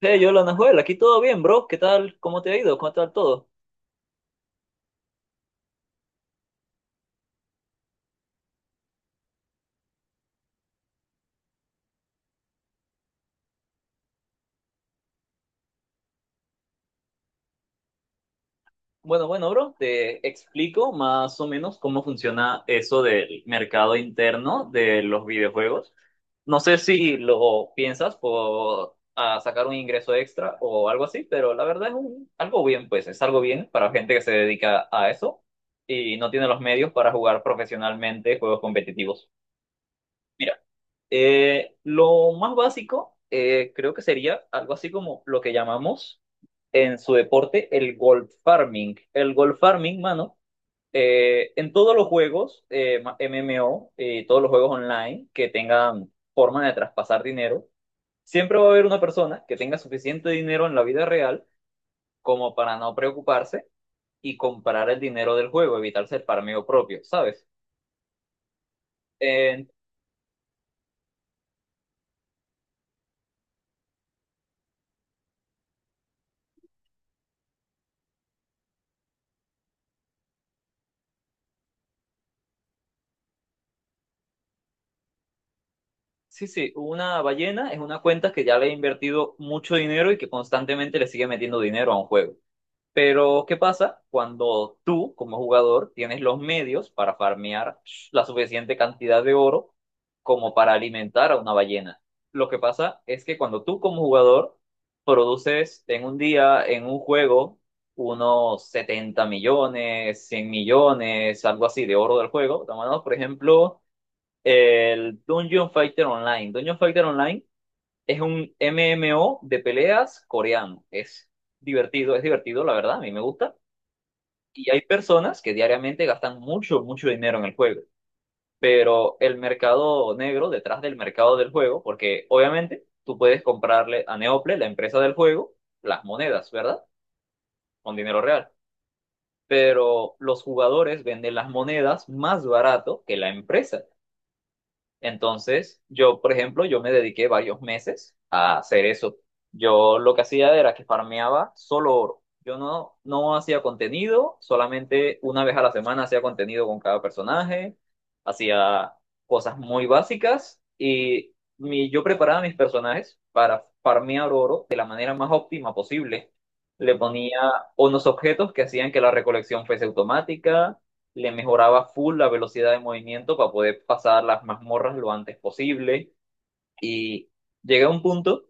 Hey, yo, Nahuel, aquí todo bien, bro. ¿Qué tal? ¿Cómo te ha ido? ¿Cómo tal todo? Bueno, bro, te explico más o menos cómo funciona eso del mercado interno de los videojuegos. No sé si lo piensas por sacar un ingreso extra o algo así, pero la verdad es algo bien, pues es algo bien para gente que se dedica a eso y no tiene los medios para jugar profesionalmente juegos competitivos. Lo más básico creo que sería algo así como lo que llamamos en su deporte el gold farming. El gold farming, mano, en todos los juegos MMO y todos los juegos online que tengan forma de traspasar dinero, siempre va a haber una persona que tenga suficiente dinero en la vida real como para no preocuparse y comprar el dinero del juego, evitarse el farmeo propio, ¿sabes? Eh, Sí, sí, una ballena es una cuenta que ya le ha invertido mucho dinero y que constantemente le sigue metiendo dinero a un juego. Pero, ¿qué pasa cuando tú, como jugador, tienes los medios para farmear la suficiente cantidad de oro como para alimentar a una ballena? Lo que pasa es que cuando tú, como jugador, produces en un día, en un juego, unos 70 millones, 100 millones, algo así de oro del juego, tomando, por ejemplo. El Dungeon Fighter Online. Dungeon Fighter Online es un MMO de peleas coreano. Es divertido, la verdad, a mí me gusta. Y hay personas que diariamente gastan mucho, mucho dinero en el juego. Pero el mercado negro, detrás del mercado del juego, porque obviamente tú puedes comprarle a Neople, la empresa del juego, las monedas, ¿verdad? Con dinero real. Pero los jugadores venden las monedas más barato que la empresa. Entonces, yo, por ejemplo, yo me dediqué varios meses a hacer eso. Yo lo que hacía era que farmeaba solo oro. Yo no, No hacía contenido, solamente una vez a la semana hacía contenido con cada personaje, hacía cosas muy básicas y yo preparaba mis personajes para farmear oro de la manera más óptima posible. Le ponía unos objetos que hacían que la recolección fuese automática, le mejoraba full la velocidad de movimiento para poder pasar las mazmorras lo antes posible. Y llegué a un punto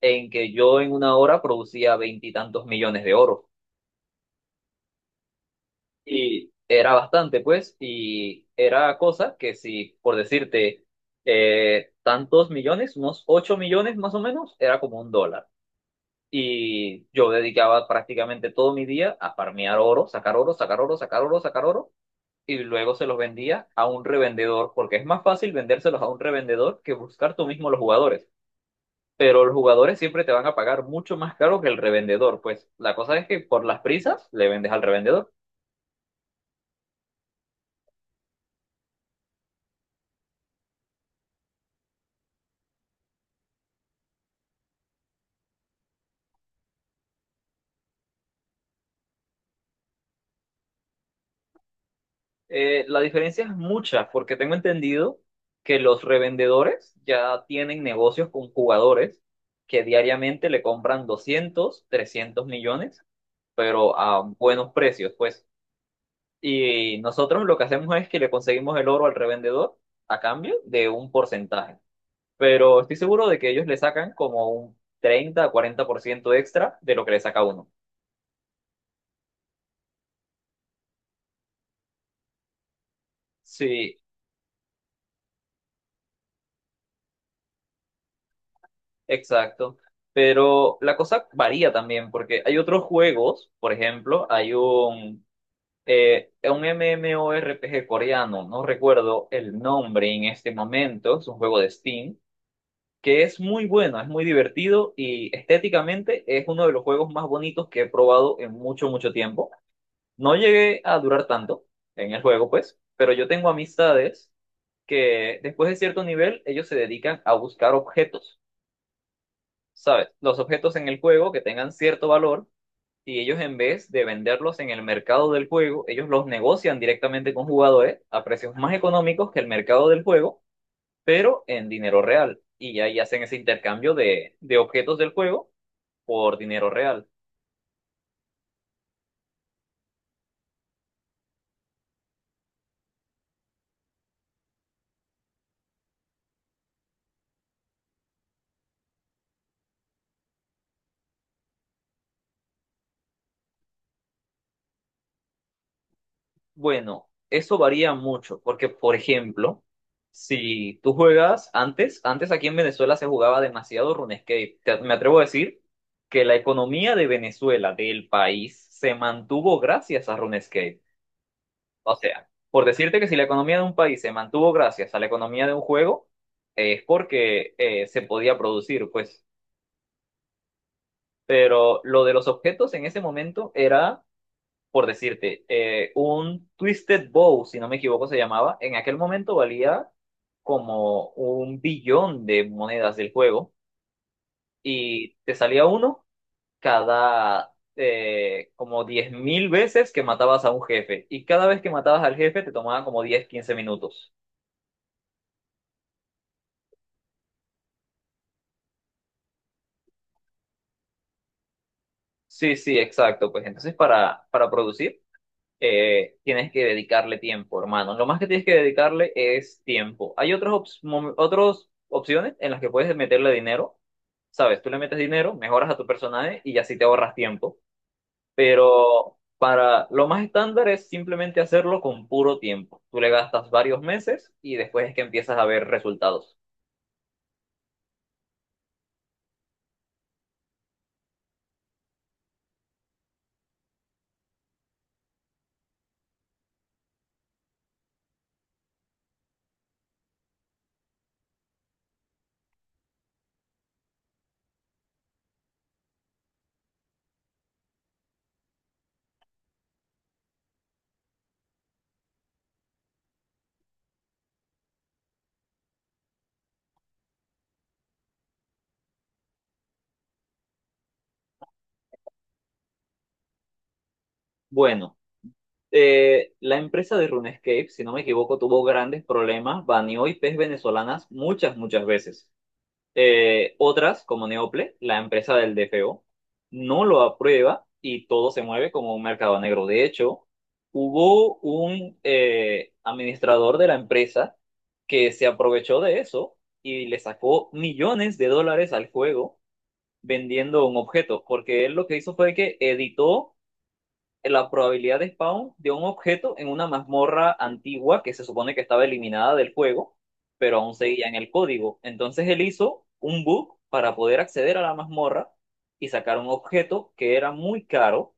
en que yo en una hora producía veintitantos millones de oro. Y era bastante, pues, y era cosa que si, por decirte, tantos millones, unos 8 millones más o menos, era como un dólar. Y yo dedicaba prácticamente todo mi día a farmear oro, sacar oro, sacar oro, sacar oro, sacar oro, y luego se los vendía a un revendedor, porque es más fácil vendérselos a un revendedor que buscar tú mismo los jugadores. Pero los jugadores siempre te van a pagar mucho más caro que el revendedor. Pues la cosa es que por las prisas le vendes al revendedor. La diferencia es mucha, porque tengo entendido que los revendedores ya tienen negocios con jugadores que diariamente le compran 200, 300 millones, pero a buenos precios, pues. Y nosotros lo que hacemos es que le conseguimos el oro al revendedor a cambio de un porcentaje. Pero estoy seguro de que ellos le sacan como un 30 a ciento extra de lo que le saca uno. Sí, exacto. Pero la cosa varía también porque hay otros juegos, por ejemplo, hay un MMORPG coreano, no recuerdo el nombre en este momento, es un juego de Steam que es muy buena, es muy divertido y estéticamente es uno de los juegos más bonitos que he probado en mucho, mucho tiempo. No llegué a durar tanto en el juego, pues, pero yo tengo amistades que después de cierto nivel ellos se dedican a buscar objetos, ¿sabes? Los objetos en el juego que tengan cierto valor, y ellos en vez de venderlos en el mercado del juego, ellos los negocian directamente con jugadores a precios más económicos que el mercado del juego pero en dinero real. Y ahí hacen ese intercambio de objetos del juego por dinero real. Bueno, eso varía mucho, porque por ejemplo, si tú juegas antes, antes aquí en Venezuela se jugaba demasiado RuneScape. Me atrevo a decir que la economía de Venezuela, del país, se mantuvo gracias a RuneScape. O sea, por decirte que si la economía de un país se mantuvo gracias a la economía de un juego, es porque se podía producir, pues, pero lo de los objetos en ese momento era, por decirte, un Twisted Bow, si no me equivoco se llamaba, en aquel momento valía como un billón de monedas del juego, y te salía uno cada como 10.000 veces que matabas a un jefe, y cada vez que matabas al jefe te tomaba como 10 15 minutos. Sí, sí, exacto. Pues entonces para producir tienes que dedicarle tiempo, hermano. Lo más que tienes que dedicarle es tiempo. Hay otras opciones en las que puedes meterle dinero. Sabes, tú le metes dinero, mejoras a tu personaje y así te ahorras tiempo. Pero para lo más estándar es simplemente hacerlo con puro tiempo. Tú le gastas varios meses y después es que empiezas a ver resultados. Bueno, la empresa de RuneScape, si no me equivoco, tuvo grandes problemas, baneó IPs venezolanas muchas, muchas veces. Otras, como Neople, la empresa del DFO, no lo aprueba y todo se mueve como un mercado negro. De hecho, hubo un administrador de la empresa que se aprovechó de eso y le sacó millones de dólares al juego vendiendo un objeto, porque él lo que hizo fue que editó la probabilidad de spawn de un objeto en una mazmorra antigua que se supone que estaba eliminada del juego, pero aún seguía en el código. Entonces él hizo un bug para poder acceder a la mazmorra y sacar un objeto que era muy caro.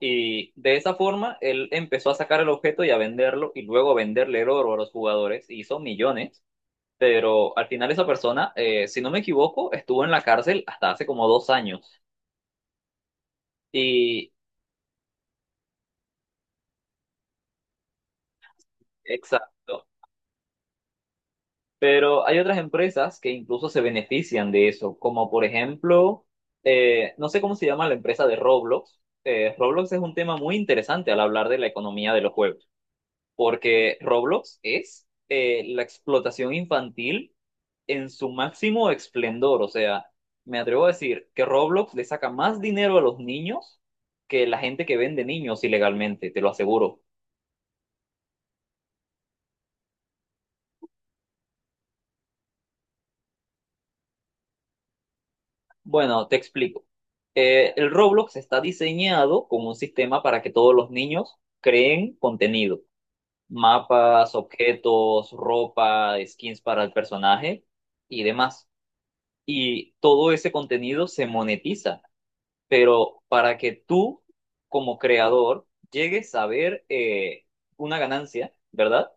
Y de esa forma él empezó a sacar el objeto y a venderlo y luego a venderle el oro a los jugadores. Hizo millones, pero al final esa persona, si no me equivoco, estuvo en la cárcel hasta hace como 2 años. Y exacto. Pero hay otras empresas que incluso se benefician de eso, como por ejemplo, no sé cómo se llama la empresa de Roblox. Roblox es un tema muy interesante al hablar de la economía de los juegos, porque Roblox es la explotación infantil en su máximo esplendor. O sea, me atrevo a decir que Roblox le saca más dinero a los niños que la gente que vende niños ilegalmente, te lo aseguro. Bueno, te explico. El Roblox está diseñado como un sistema para que todos los niños creen contenido, mapas, objetos, ropa, skins para el personaje y demás. Y todo ese contenido se monetiza, pero para que tú como creador llegues a ver una ganancia, ¿verdad?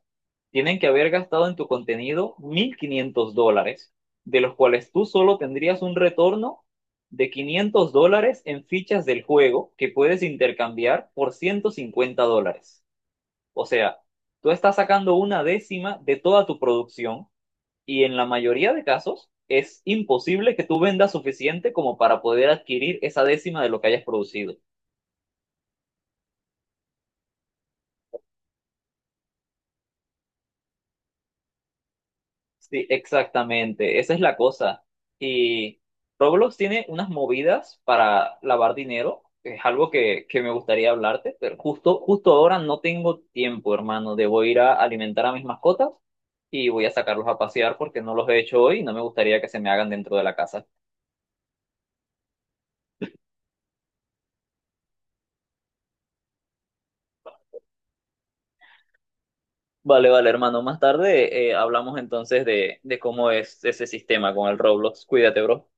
Tienen que haber gastado en tu contenido $1.500, de los cuales tú solo tendrías un retorno de $500 en fichas del juego que puedes intercambiar por $150. O sea, tú estás sacando una décima de toda tu producción y en la mayoría de casos es imposible que tú vendas suficiente como para poder adquirir esa décima de lo que hayas producido. Sí, exactamente, esa es la cosa. Y Roblox tiene unas movidas para lavar dinero, que es algo que me gustaría hablarte, pero justo ahora no tengo tiempo, hermano. Debo ir a alimentar a mis mascotas y voy a sacarlos a pasear porque no los he hecho hoy y no me gustaría que se me hagan dentro de la casa. Vale, hermano. Más tarde hablamos entonces de cómo es ese sistema con el Roblox. Cuídate, bro.